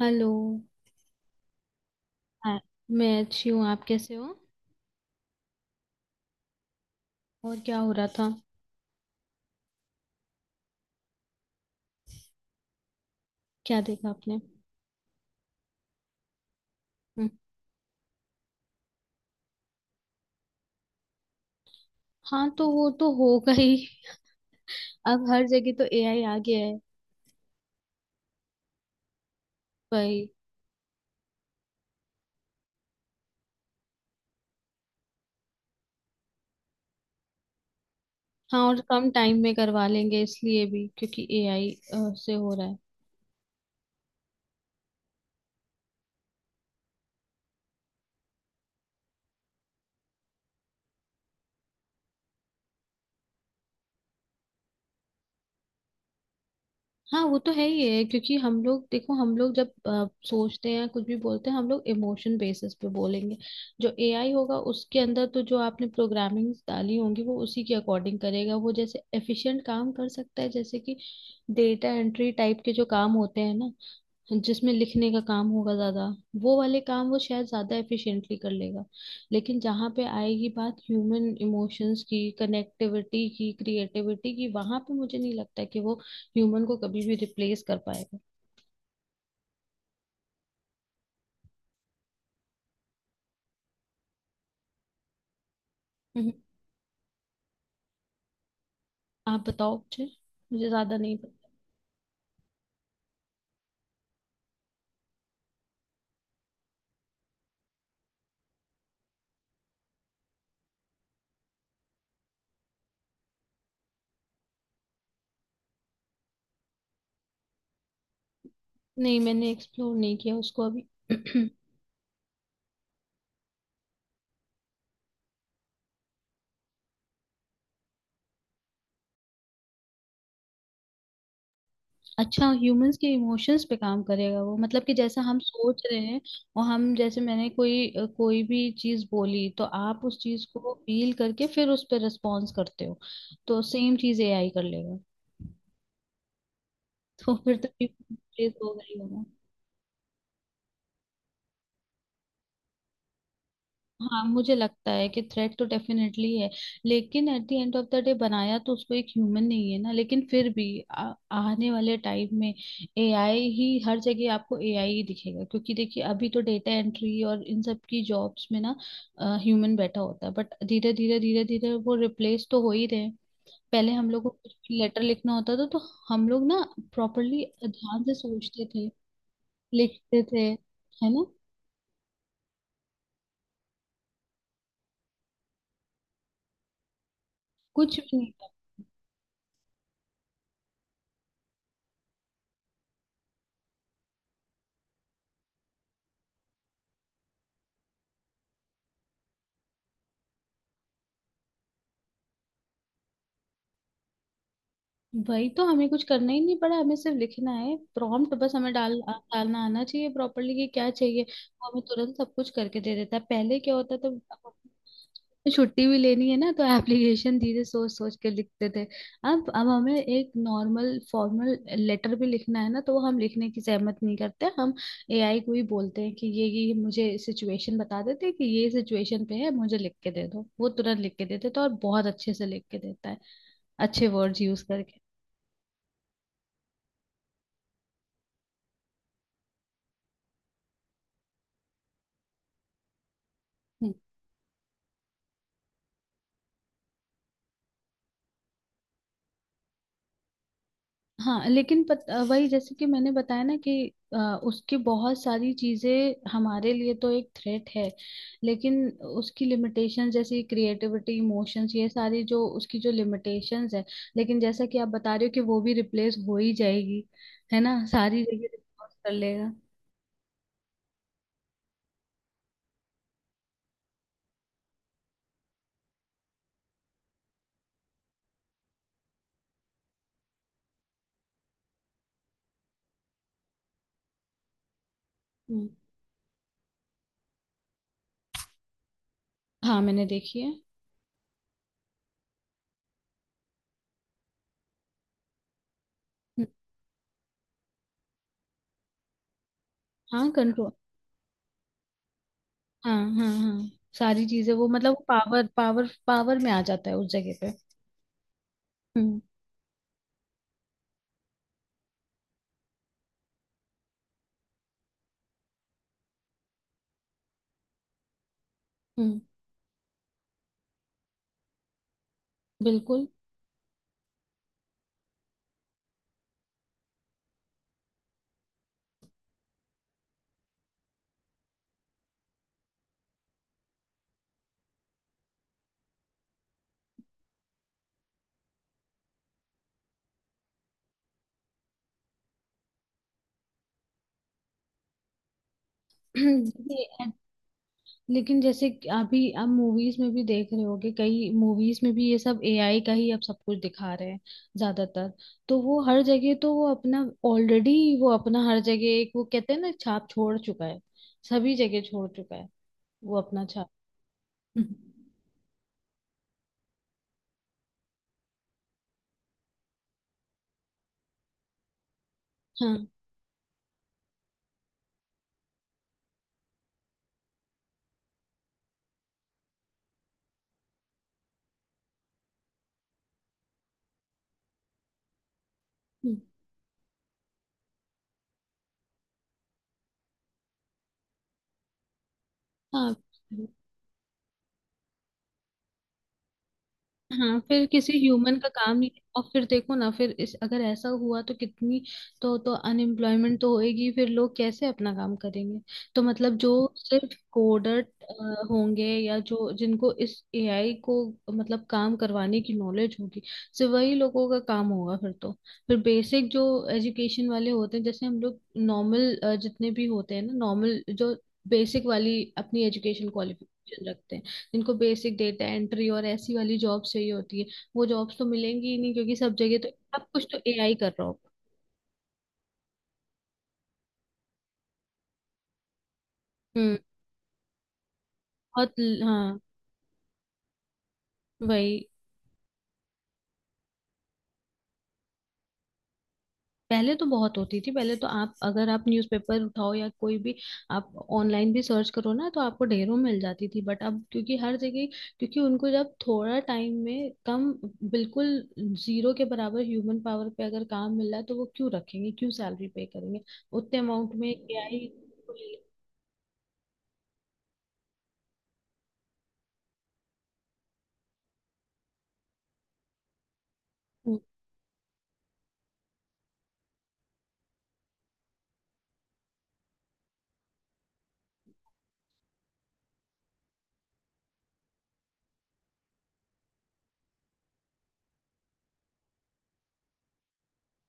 Hello. हाँ। मैं अच्छी हूँ। आप कैसे हो? और क्या हो रहा था? क्या देखा आपने? हम्म। हाँ, तो वो तो होगा ही। अब हर जगह तो एआई आ गया है भाई। हाँ, और कम टाइम में करवा लेंगे इसलिए भी क्योंकि एआई से हो रहा है। हाँ, वो तो है ही है, क्योंकि हम लोग देखो, हम लोग जब सोचते हैं, कुछ भी बोलते हैं, हम लोग इमोशन बेसिस पे बोलेंगे। जो एआई होगा उसके अंदर, तो जो आपने प्रोग्रामिंग डाली होंगी वो उसी के अकॉर्डिंग करेगा। वो जैसे एफिशिएंट काम कर सकता है, जैसे कि डेटा एंट्री टाइप के जो काम होते हैं ना, जिसमें लिखने का काम होगा ज्यादा, वो वाले काम वो शायद ज्यादा एफिशिएंटली कर लेगा। लेकिन जहाँ पे आएगी बात ह्यूमन इमोशंस की, कनेक्टिविटी की, क्रिएटिविटी की, वहां पे मुझे नहीं लगता कि वो ह्यूमन को कभी भी रिप्लेस कर पाएगा। हम्म। आप बताओ मुझे। मुझे ज्यादा नहीं पता। नहीं, मैंने एक्सप्लोर नहीं किया उसको अभी। अच्छा, ह्यूमंस के इमोशंस पे काम करेगा वो, मतलब कि जैसा हम सोच रहे हैं। और हम जैसे मैंने कोई भी चीज बोली तो आप उस चीज को फील करके फिर उस पर रिस्पॉन्स करते हो, तो सेम चीज एआई कर लेगा। तो फिर तो चीज हो गई होगा। हाँ, मुझे लगता है कि थ्रेट तो डेफिनेटली है, लेकिन at the end of the day बनाया तो उसको एक ह्यूमन नहीं है ना। लेकिन फिर भी आने वाले टाइम में एआई ही हर जगह, आपको एआई ही दिखेगा, क्योंकि देखिए, अभी तो डेटा एंट्री और इन सब की जॉब्स में ना ह्यूमन बैठा होता है, बट धीरे धीरे धीरे धीरे वो रिप्लेस तो हो ही रहे हैं। पहले हम लोग को कुछ लेटर लिखना होता था, तो हम लोग ना प्रॉपरली ध्यान से सोचते थे, लिखते थे, है ना? कुछ भी नहीं। वही तो, हमें कुछ करना ही नहीं पड़ा। हमें सिर्फ लिखना है प्रॉम्प्ट, बस हमें डालना आना चाहिए प्रॉपरली कि क्या चाहिए, वो हमें तुरंत सब कुछ करके दे देता है। पहले क्या होता था, तो छुट्टी भी लेनी है ना, तो एप्लीकेशन धीरे सोच सोच के लिखते थे। अब हमें एक नॉर्मल फॉर्मल लेटर भी लिखना है ना, तो वो हम लिखने की सहमत नहीं करते हम। एआई को ही बोलते हैं कि ये मुझे सिचुएशन बता देते हैं कि ये सिचुएशन पे है, मुझे लिख के दे दो। वो तुरंत लिख के देते तो, और बहुत अच्छे से लिख के देता है, अच्छे वर्ड्स यूज करके। हाँ, लेकिन वही जैसे कि मैंने बताया ना कि अ, उसकी बहुत सारी चीजें हमारे लिए तो एक थ्रेट है। लेकिन उसकी लिमिटेशन जैसे क्रिएटिविटी, इमोशंस, ये सारी जो उसकी जो लिमिटेशंस है, लेकिन जैसा कि आप बता रहे हो कि वो भी रिप्लेस हो ही जाएगी, है ना? सारी जगह रिप्लेस कर लेगा। हम्म। हाँ, मैंने देखी है। हम्म। हाँ, कंट्रोल। हाँ, हाँ, हाँ, सारी चीजें वो मतलब पावर पावर पावर में आ जाता है उस जगह पे। हम्म। हम्म। बिल्कुल। लेकिन जैसे कि अभी आप मूवीज में भी देख रहे होगे, कई मूवीज में भी ये सब एआई का ही अब सब कुछ दिखा रहे हैं, ज्यादातर। तो वो हर जगह, तो वो अपना ऑलरेडी, वो अपना हर जगह एक, वो कहते हैं ना, छाप छोड़ चुका है, सभी जगह छोड़ चुका है वो अपना छाप। हम्म। हाँ। हम्म। हाँ। हाँ, फिर किसी ह्यूमन का काम नहीं। और फिर देखो ना, फिर इस अगर ऐसा हुआ तो कितनी, तो अनएम्प्लॉयमेंट तो होएगी। फिर लोग कैसे अपना काम करेंगे, तो मतलब जो सिर्फ कोडर होंगे, या जो जिनको इस एआई को मतलब काम करवाने की नॉलेज होगी, सिर्फ वही लोगों का काम होगा फिर तो। फिर बेसिक जो एजुकेशन वाले होते हैं जैसे हम लोग, नॉर्मल जितने भी होते हैं ना, नॉर्मल जो बेसिक वाली अपनी एजुकेशन क्वालिफिकेशन रखते हैं, जिनको बेसिक डेटा एंट्री और ऐसी वाली जॉब चाहिए होती है, वो जॉब्स तो मिलेंगी ही नहीं, क्योंकि सब जगह तो सब कुछ तो एआई कर रहा होगा। हम्म। बहुत। हाँ। वही। पहले तो बहुत होती थी। पहले तो आप अगर आप न्यूज़पेपर उठाओ या कोई भी, आप ऑनलाइन भी सर्च करो ना, तो आपको ढेरों मिल जाती थी। बट अब क्योंकि हर जगह, क्योंकि उनको जब थोड़ा टाइम में कम, बिल्कुल जीरो के बराबर ह्यूमन पावर पे अगर काम मिल रहा है तो वो क्यों रखेंगे, क्यों सैलरी पे करेंगे उतने अमाउंट में एआई।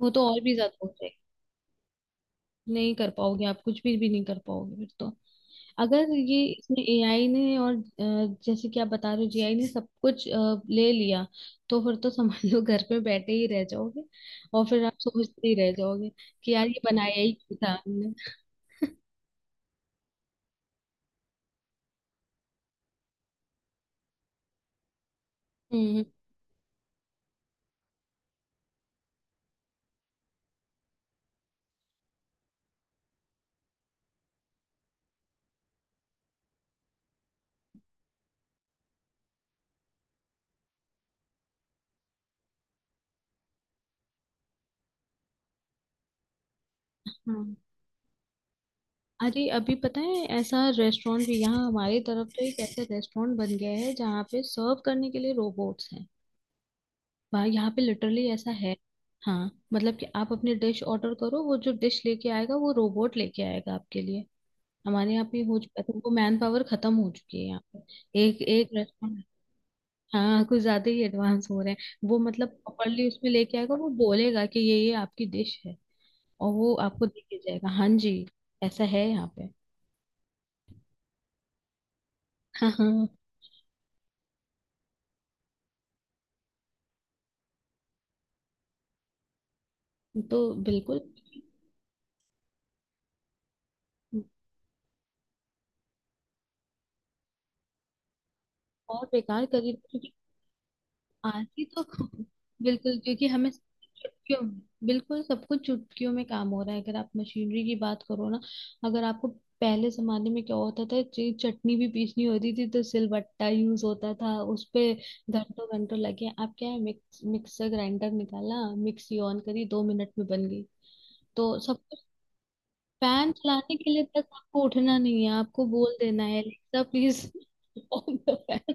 वो तो और भी ज्यादा हो जाएगी। नहीं कर पाओगे, आप कुछ भी नहीं कर पाओगे फिर तो। अगर ये इसमें एआई ने और जैसे कि आप बता रहे हो जीआई ने सब कुछ ले लिया, तो फिर तो समझ लो घर पे बैठे ही रह जाओगे। और फिर आप सोचते ही रह जाओगे कि यार ये बनाया ही क्यों था हमने। हम्म। हाँ। अरे, अभी पता है, ऐसा रेस्टोरेंट भी, यहाँ हमारे तरफ तो एक ऐसा रेस्टोरेंट बन गया है जहाँ पे सर्व करने के लिए रोबोट्स हैं। वहाँ, यहाँ पे लिटरली ऐसा है। हाँ, मतलब कि आप अपनी डिश ऑर्डर करो, वो जो डिश लेके आएगा वो रोबोट लेके आएगा आपके लिए। हमारे यहाँ पे हो चुका है, तो मैन पावर खत्म हो चुकी है यहाँ पे, एक एक रेस्टोरेंट। हाँ, कुछ ज्यादा ही एडवांस हो रहे हैं वो, मतलब प्रॉपरली उसमें लेके आएगा, वो बोलेगा कि ये आपकी डिश है। और वो आपको देके जाएगा। हाँ जी। ऐसा है यहाँ पे। हाँ, हाँ। तो बिल्कुल। बहुत बेकार करी। आती तो। बिल्कुल, क्योंकि हमें चुटकियों, बिल्कुल सब कुछ चुटकियों में काम हो रहा है। अगर आप मशीनरी की बात करो ना, अगर आपको, पहले जमाने में क्या होता था, चटनी भी पीसनी होती थी तो सिलबट्टा यूज होता था उस पे। घंटों घंटों लगे। आप क्या है, मिक्सर ग्राइंडर निकाला, मिक्सी ऑन करी, 2 मिनट में बन गई। तो सब कुछ। पैन चलाने के लिए तक आपको उठना नहीं है, आपको बोल देना है, Alexa please on the fan.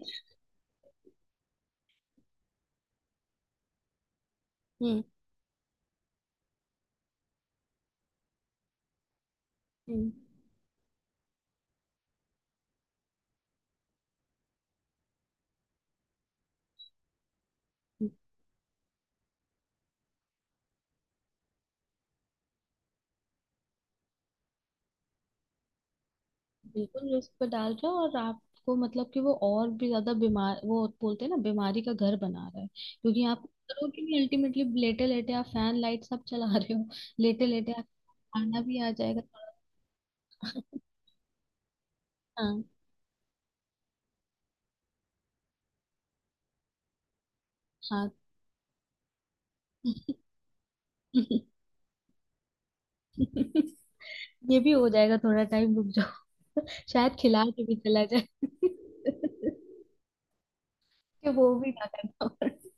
हम्म। हम्म। बिल्कुल रिस्क पे डाल रहा है, और आपको मतलब कि वो और भी ज्यादा बीमार, वो बोलते हैं ना, बीमारी का घर बना रहा है, क्योंकि आप करोगे नहीं अल्टीमेटली। लेटे लेटे आप फैन, लाइट सब चला रहे हो। लेटे लेटे आप। खाना भी आ जाएगा थोड़ा। हाँ, हाँ। ये भी हो जाएगा, थोड़ा टाइम रुक जाओ। शायद खिला के भी चला जाए। कि वो भी ना करना पड़े।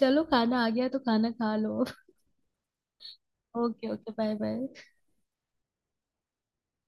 चलो, खाना आ गया तो खाना खा लो। Okay, okay. Bye, bye.